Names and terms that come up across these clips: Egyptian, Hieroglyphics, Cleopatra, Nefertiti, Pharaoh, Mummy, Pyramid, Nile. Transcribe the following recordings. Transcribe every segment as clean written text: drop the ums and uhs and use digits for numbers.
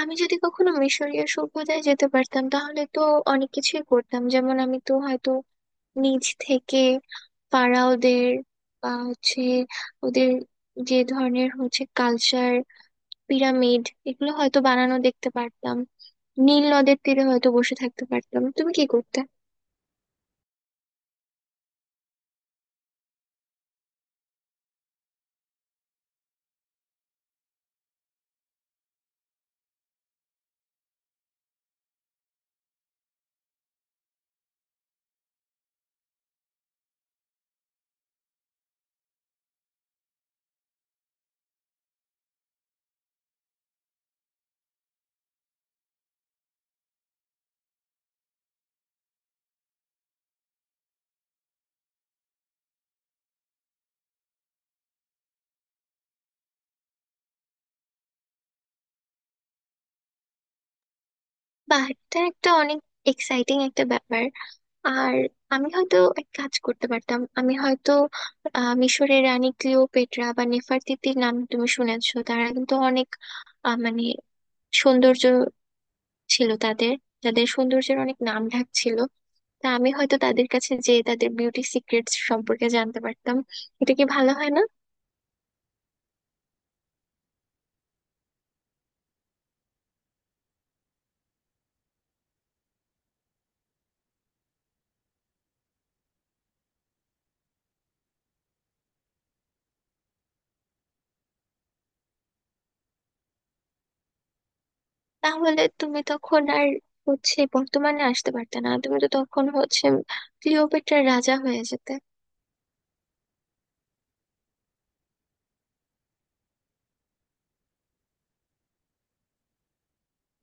আমি যদি কখনো মিশরীয় সভ্যতায় যেতে পারতাম তাহলে তো অনেক কিছুই করতাম, যেমন আমি তো হয়তো নিজ থেকে ফারাওদের বা ওদের যে ধরনের কালচার, পিরামিড, এগুলো হয়তো বানানো দেখতে পারতাম। নীল নদের তীরে হয়তো বসে থাকতে পারতাম। তুমি কি করতে? বাহ, এটা একটা অনেক এক্সাইটিং একটা ব্যাপার। আর আমি হয়তো এক কাজ করতে পারতাম, আমি হয়তো মিশরের রানী ক্লিওপেট্রা বা নেফারতিতির নাম তুমি শুনেছো? তারা কিন্তু অনেক মানে সৌন্দর্য ছিল তাদের, তাদের সৌন্দর্যের অনেক নাম ঢাক ছিল। তা আমি হয়তো তাদের কাছে যে তাদের বিউটি সিক্রেটস সম্পর্কে জানতে পারতাম। এটা কি ভালো হয় না? তাহলে তুমি তখন আর বর্তমানে আসতে পারতে না, তুমি তো তখন ক্লিওপেট্রার রাজা হয়ে যেতে।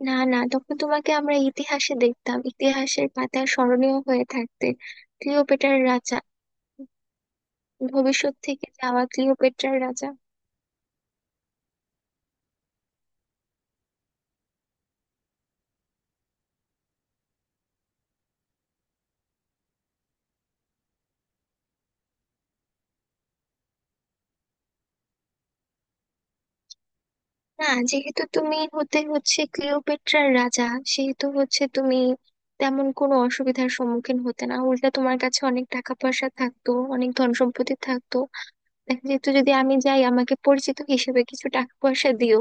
না না, তখন তোমাকে আমরা ইতিহাসে দেখতাম, ইতিহাসের পাতায় স্মরণীয় হয়ে থাকতে, ক্লিওপেট্রার রাজা, ভবিষ্যৎ থেকে যাওয়া ক্লিওপেট্রার রাজা। না, যেহেতু তুমি হতে ক্লিওপেট্রার রাজা, সেহেতু তুমি তেমন কোনো অসুবিধার সম্মুখীন হতে না, উল্টা তোমার কাছে অনেক টাকা পয়সা থাকতো, অনেক ধন সম্পত্তি থাকতো। দেখা যেত, যদি আমি যাই আমাকে পরিচিত হিসেবে কিছু টাকা পয়সা দিও।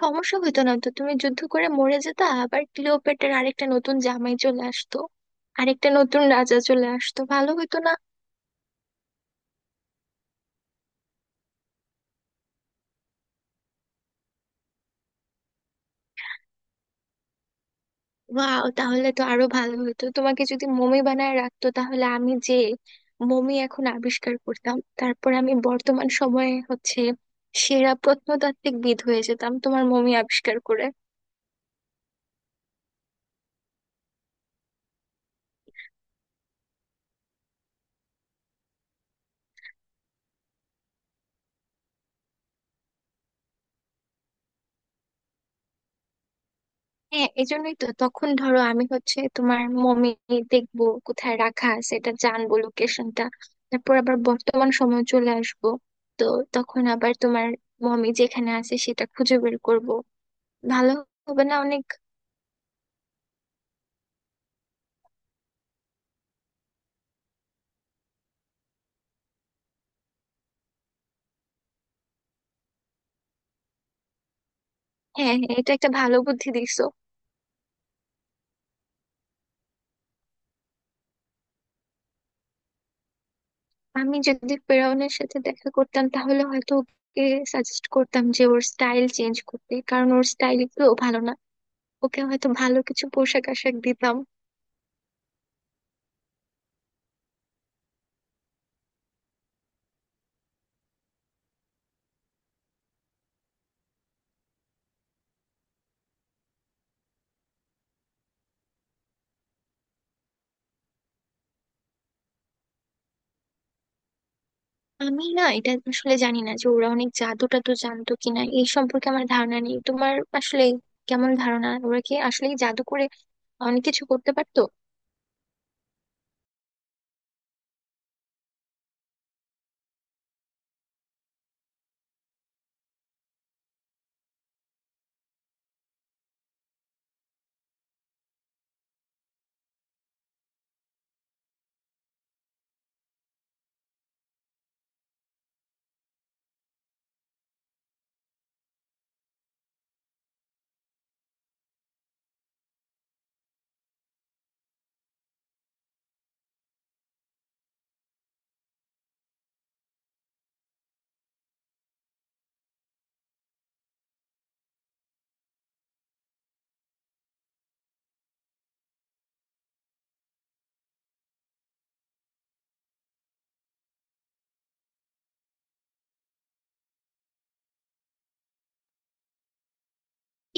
সমস্যা হতো না তো, তুমি যুদ্ধ করে মরে যেতা, আবার ক্লিওপেট্রার আরেকটা নতুন জামাই চলে আসতো, আরেকটা নতুন রাজা চলে আসতো, ভালো হতো না? ওয়াও, তাহলে তো আরো ভালো হতো, তোমাকে যদি মমি বানায় রাখতো তাহলে আমি যে মমি এখন আবিষ্কার করতাম, তারপর আমি বর্তমান সময়ে সেরা প্রত্নতাত্ত্বিক বিদ হয়ে যেতাম তোমার মমি আবিষ্কার করে। হ্যাঁ, এই জন্যই তো, তখন ধরো আমি তোমার মমি দেখবো কোথায় রাখা আছে, এটা জানবো লোকেশনটা। তারপর আবার বর্তমান সময় চলে আসবো। তো তখন আবার তোমার মমি যেখানে আছে সেটা খুঁজে বের করব। ভালো হবে না অনেক? হ্যাঁ হ্যাঁ, এটা একটা ভালো বুদ্ধি দিছো। আমি যদি ফেরাউনের সাথে দেখা করতাম তাহলে হয়তো ওকে সাজেস্ট করতাম যে ওর স্টাইল চেঞ্জ করতে, কারণ ওর স্টাইল গুলো ভালো না। ওকে হয়তো ভালো কিছু পোশাক আশাক দিতাম। আমি না এটা আসলে জানি না যে ওরা অনেক জাদু টাদু জানতো কিনা, এই সম্পর্কে আমার ধারণা নেই। তোমার আসলে কেমন ধারণা, ওরা কি আসলে জাদু করে অনেক কিছু করতে পারতো?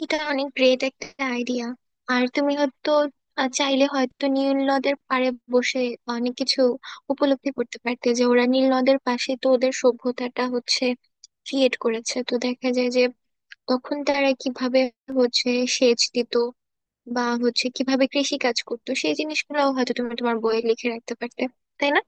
এটা অনেক গ্রেট একটা আইডিয়া। আর তুমি হয়তো চাইলে হয়তো নীল নদের পাড়ে বসে অনেক কিছু উপলব্ধি করতে পারতে। যে ওরা নীল নদের পাশে তো ওদের সভ্যতাটা ক্রিয়েট করেছে, তো দেখা যায় যে তখন তারা কিভাবে হচ্ছে সেচ দিত বা কিভাবে কৃষি কাজ করতো, সেই জিনিসগুলোও হয়তো তুমি তোমার বইয়ে লিখে রাখতে পারতে, তাই না?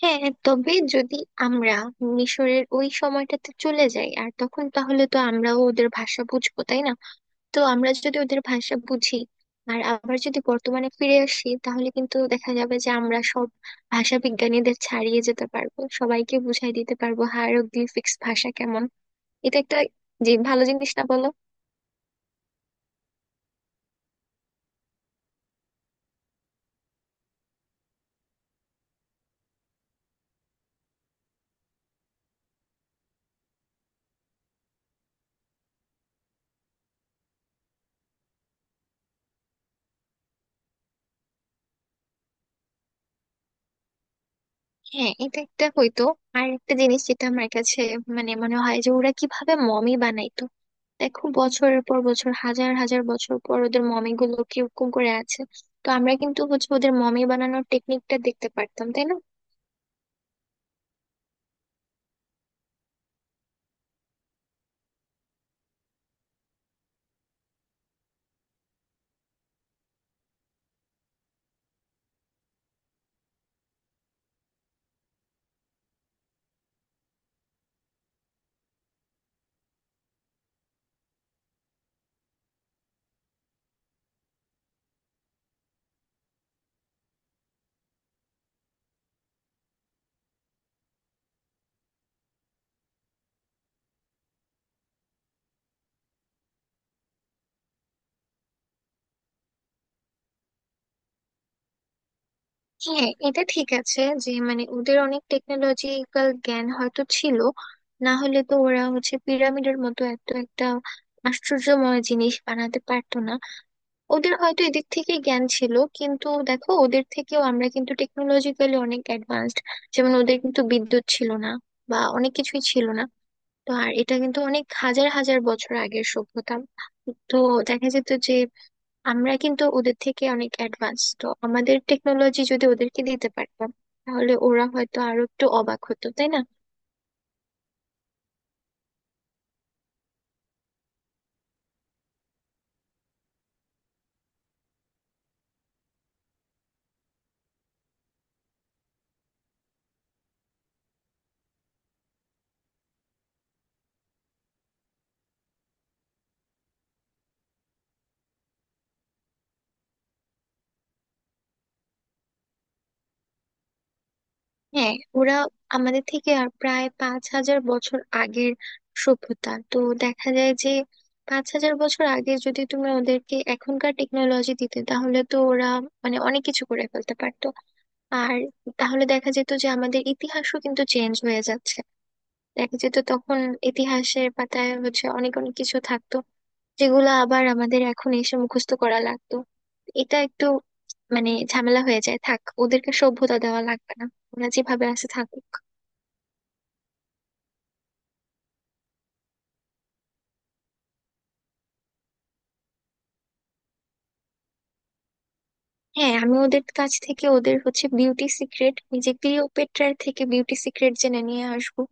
হ্যাঁ হ্যাঁ, তবে যদি আমরা মিশরের ওই সময়টাতে চলে যাই আর তখন, তাহলে তো আমরাও ওদের ভাষা বুঝবো, তাই না? তো আমরা যদি ওদের ভাষা বুঝি আর আবার যদি বর্তমানে ফিরে আসি, তাহলে কিন্তু দেখা যাবে যে আমরা সব ভাষা বিজ্ঞানীদের ছাড়িয়ে যেতে পারবো, সবাইকে বুঝাই দিতে পারবো হায়ারোগ্লিফিক্স ভাষা কেমন। এটা একটা যে ভালো জিনিস না, বলো? হ্যাঁ এটা একটা হইতো। আর একটা জিনিস যেটা আমার কাছে মানে মনে হয়, যে ওরা কিভাবে মমি বানাইতো। দেখো, বছরের পর বছর, হাজার হাজার বছর পর ওদের মমি গুলো কিরকম করে আছে। তো আমরা কিন্তু ওদের মমি বানানোর টেকনিকটা দেখতে পারতাম, তাই না? হ্যাঁ এটা ঠিক আছে, যে মানে ওদের অনেক টেকনোলজিক্যাল জ্ঞান হয়তো ছিল, না হলে তো ওরা পিরামিডের মতো এত একটা আশ্চর্যময় জিনিস বানাতে পারতো না। ওদের হয়তো এদিক থেকে জ্ঞান ছিল, কিন্তু দেখো, ওদের থেকেও আমরা কিন্তু টেকনোলজিক্যালি অনেক অ্যাডভান্সড। যেমন, ওদের কিন্তু বিদ্যুৎ ছিল না বা অনেক কিছুই ছিল না। তো আর এটা কিন্তু অনেক হাজার হাজার বছর আগের সভ্যতা। তো দেখা যেত যে আমরা কিন্তু ওদের থেকে অনেক অ্যাডভান্স, তো আমাদের টেকনোলজি যদি ওদেরকে দিতে পারতাম তাহলে ওরা হয়তো আরো একটু অবাক হতো, তাই না? হ্যাঁ, ওরা আমাদের থেকে আর প্রায় 5 হাজার বছর আগের সভ্যতা। তো দেখা যায় যে 5 হাজার বছর আগে যদি তুমি ওদেরকে এখনকার টেকনোলজি দিতে তাহলে তো ওরা মানে অনেক কিছু করে ফেলতে পারতো। আর তাহলে দেখা যেত যে আমাদের ইতিহাসও কিন্তু চেঞ্জ হয়ে যাচ্ছে। দেখা যেত তখন ইতিহাসের পাতায় অনেক অনেক কিছু থাকতো যেগুলো আবার আমাদের এখন এসে মুখস্থ করা লাগতো। এটা একটু মানে ঝামেলা হয়ে যায়, থাক, ওদেরকে সভ্যতা দেওয়া লাগবে না, ওরা যেভাবে আছে থাকুক। হ্যাঁ, আমি ওদের কাছ থেকে ওদের বিউটি সিক্রেট, যে ক্লিওপেট্রার থেকে বিউটি সিক্রেট জেনে নিয়ে আসবো।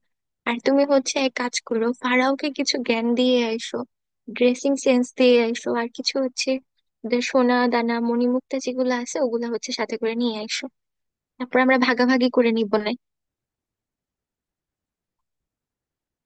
আর তুমি এক কাজ করো, ফারাওকে কিছু জ্ঞান দিয়ে আইসো, ড্রেসিং সেন্স দিয়ে আইসো, আর কিছু ওদের সোনা দানা মণিমুক্তা যেগুলো আছে ওগুলা সাথে করে নিয়ে আইসো। তারপর আমরা ভাগাভাগি করে নিবো না?